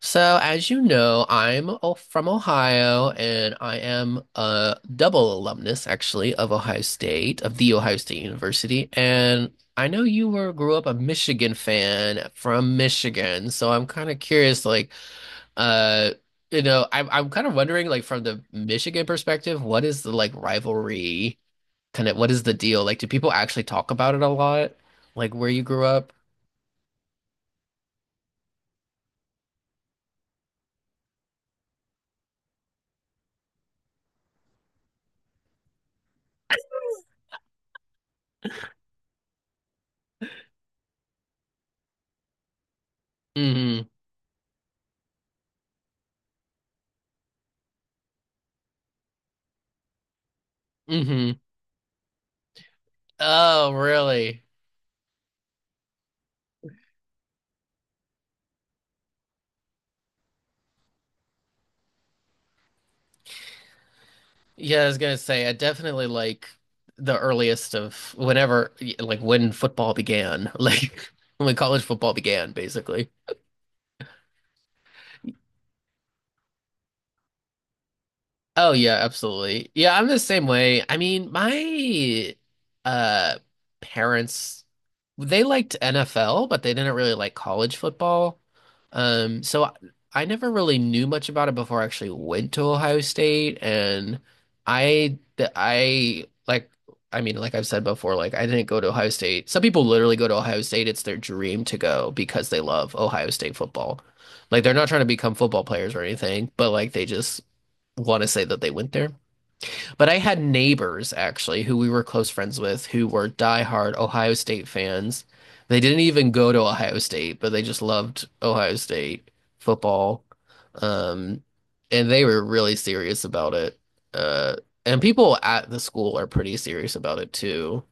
So, as you know, I'm from Ohio and I am a double alumnus, actually, of Ohio State, of the Ohio State University. And I know you were grew up a Michigan fan from Michigan. So I'm kind of curious, like, uh, I'm kind of wondering, like, from the Michigan perspective, what is the like rivalry? Kind of, what is the deal? Like, do people actually talk about it a lot? Like, where you grew up? Mm-hmm. Mm-hmm. Oh, really? Yeah, I was gonna say, I definitely like the earliest of whenever, like when football began, like when college football began, basically. Oh yeah, absolutely. Yeah, I'm the same way. I mean, my uh parents they liked NFL, but they didn't really like college football. So I never really knew much about it before I actually went to Ohio State and I like I mean, like I've said before, like I didn't go to Ohio State. Some people literally go to Ohio State. It's their dream to go because they love Ohio State football. Like they're not trying to become football players or anything, but like they just want to say that they went there. But I had neighbors actually who we were close friends with who were diehard Ohio State fans. They didn't even go to Ohio State, but they just loved Ohio State football. Um, and they were really serious about it. Uh, and people at the school are pretty serious about it too.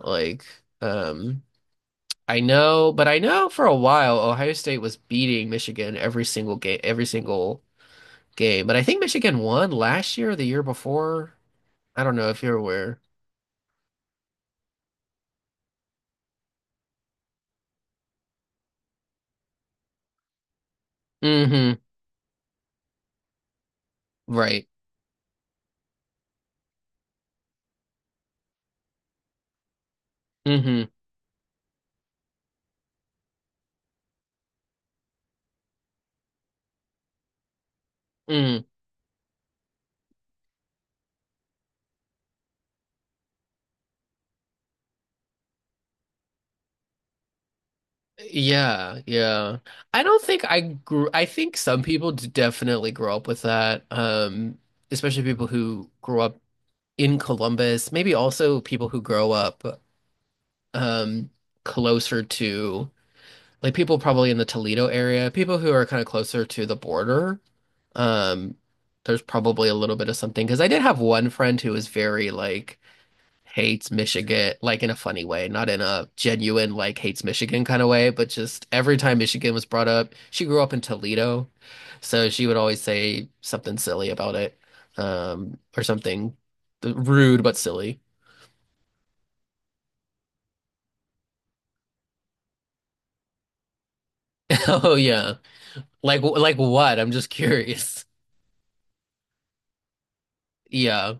Like, um, I know, but I know for a while Ohio State was beating Michigan every single game, every single game. But I think Michigan won last year or the year before. I don't know if you're aware. Hmm. Right. Hmm. Mm. Yeah, yeah. I don't think I think some people definitely grow up with that. Especially people who grow up in Columbus, maybe also people who grow up um closer to like people probably in the Toledo area, people who are kind of closer to the border. Um, there's probably a little bit of something because I did have one friend who was very like hates Michigan, like in a funny way, not in a genuine like hates Michigan kind of way, but just every time Michigan was brought up, she grew up in Toledo, so she would always say something silly about it, or something rude but silly. Oh yeah, like what? I'm just curious. Yeah.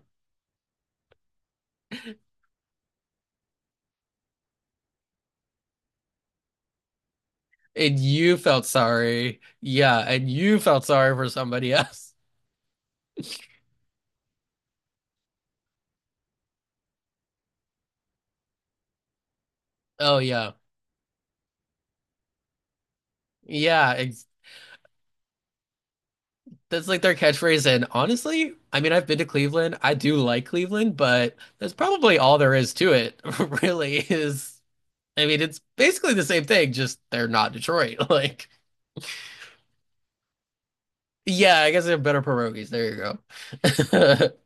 And you felt sorry. Yeah, and you felt sorry for somebody else. Oh yeah. Yeah, ex that's like their catchphrase. And honestly, I mean, I've been to Cleveland. I do like Cleveland, but that's probably all there is to it, really, is I mean, it's basically the same thing, just they're not Detroit. Like, yeah, I guess they're better pierogies. There you go.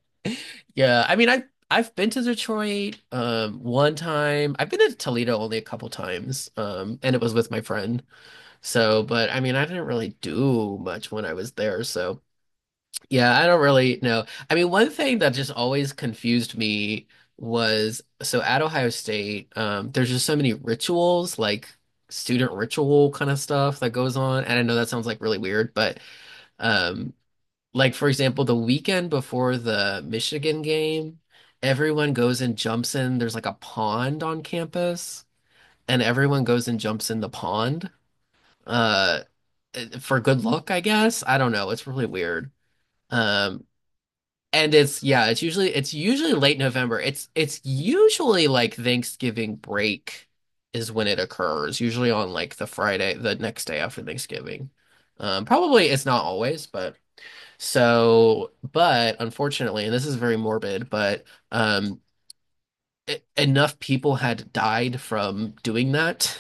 Yeah, I mean, I've been to Detroit one time. I've been to Toledo only a couple times. And it was with my friend. So, but I mean, I didn't really do much when I was there, so. Yeah, I don't really know. I mean, one thing that just always confused me was so at Ohio State, there's just so many rituals, like student ritual kind of stuff that goes on. And I know that sounds like really weird, but um, like for example, the weekend before the Michigan game, everyone goes and jumps in. There's like a pond on campus, and everyone goes and jumps in the pond, uh, for good luck, I guess. I don't know. It's really weird. Um, and it's usually late November. It's usually like Thanksgiving break is when it occurs, usually on like the Friday, the next day after Thanksgiving. Probably it's not always, but. So, but unfortunately, and this is very morbid, but um enough people had died from doing that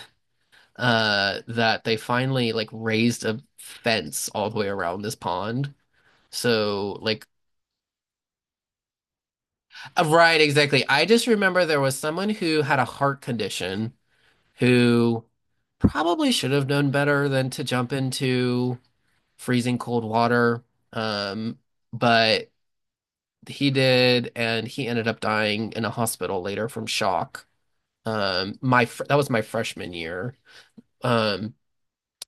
that they finally like raised a fence all the way around this pond. So like. Right, exactly. I just remember there was someone who had a heart condition who probably should have known better than to jump into freezing cold water. Um, but he did, and he ended up dying in a hospital later from shock. My fr That was my freshman year. Um,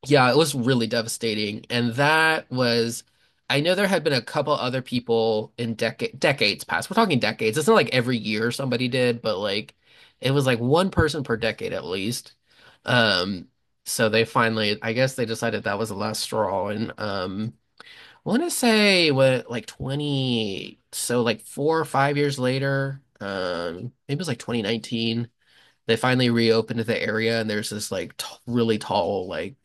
yeah, it was really devastating. And that was, I know there had been a couple other people in decades past. We're talking decades. It's not like every year somebody did, but like it was like one person per decade at least. Um, so they finally, I guess they decided that was the last straw. And I want to say what like 20, so like 4 or 5 years later, maybe it was like 2019. They finally reopened the area, and there's this like t really tall like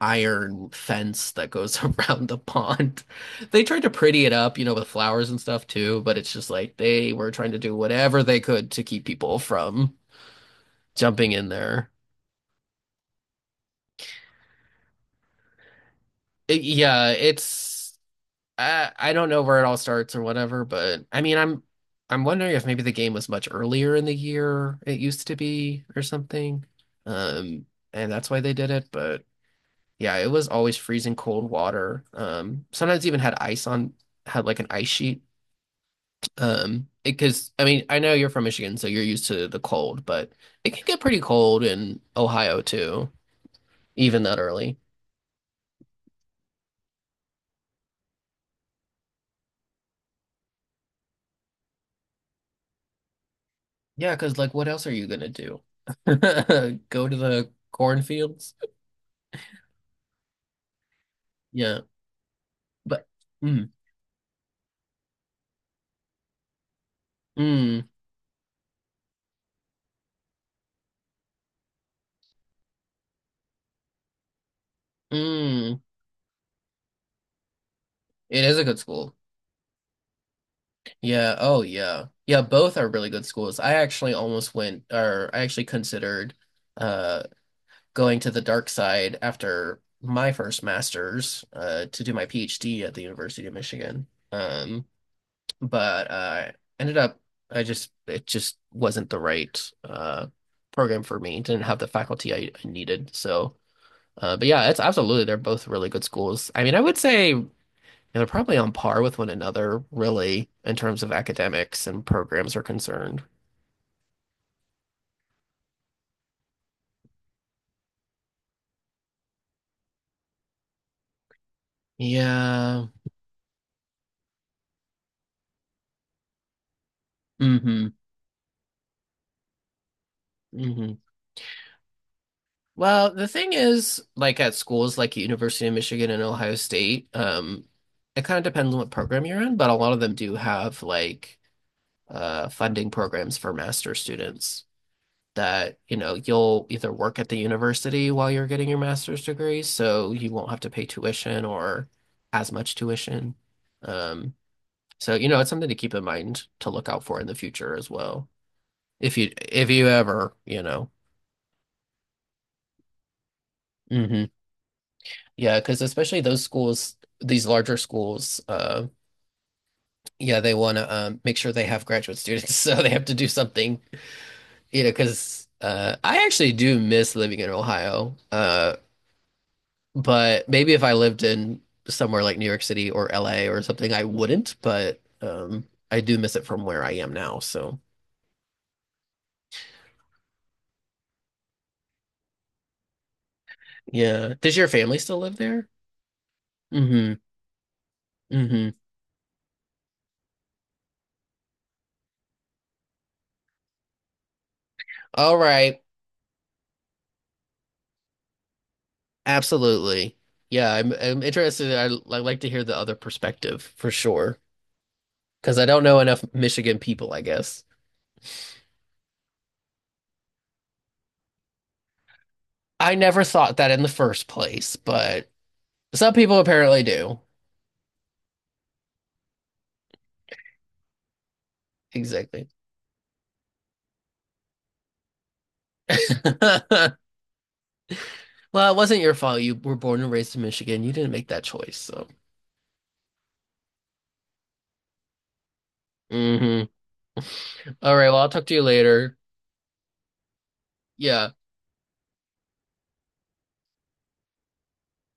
iron fence that goes around the pond. They tried to pretty it up, with flowers and stuff too, but it's just like they were trying to do whatever they could to keep people from jumping in there. Yeah, I don't know where it all starts or whatever, but I mean, I'm wondering if maybe the game was much earlier in the year it used to be or something. Um, and that's why they did it, but. Yeah, it was always freezing cold water. Sometimes even had ice on, had like an ice sheet. Because I mean, I know you're from Michigan, so you're used to the cold, but it can get pretty cold in Ohio too, even that early. Yeah, because like, what else are you gonna do? Go to the cornfields? Yeah, but. Mm, mm, mm. It is a good school. Yeah. Oh, yeah. Yeah. Both are really good schools. I actually almost went, or I actually considered uh. going to the dark side after my first master's to do my PhD at the University of Michigan. Um, but I ended up, I just it just wasn't the right program for me. Didn't have the faculty I needed. So, but yeah, it's absolutely. They're both really good schools. I mean, I would say. They're probably on par with one another, really, in terms of academics and programs are concerned. Yeah. Hmm. Hmm. Well, the thing is, like at schools like University of Michigan and Ohio State, it kind of depends on what program you're in, but a lot of them do have like funding programs for master students that, you'll either work at the university while you're getting your master's degree, so you won't have to pay tuition or as much tuition. Um, so, it's something to keep in mind to look out for in the future as well. If you ever. Yeah, because especially those schools, these larger schools, yeah, they want to make sure they have graduate students, so they have to do something. Because I actually do miss living in Ohio, but maybe if I lived in somewhere like New York City or LA or something, I wouldn't. But I do miss it from where I am now. So yeah, does your family still live there? Mm-hmm. Mm-hmm. All right. Absolutely. Yeah, I'm interested. I like to hear the other perspective for sure. Because I don't know enough Michigan people, I guess. I never thought that in the first place, but some people apparently do. Exactly. Well, it wasn't your fault. You were born and raised in Michigan. You didn't make that choice, so. Mhm. All right, well, I'll talk to you later. Yeah.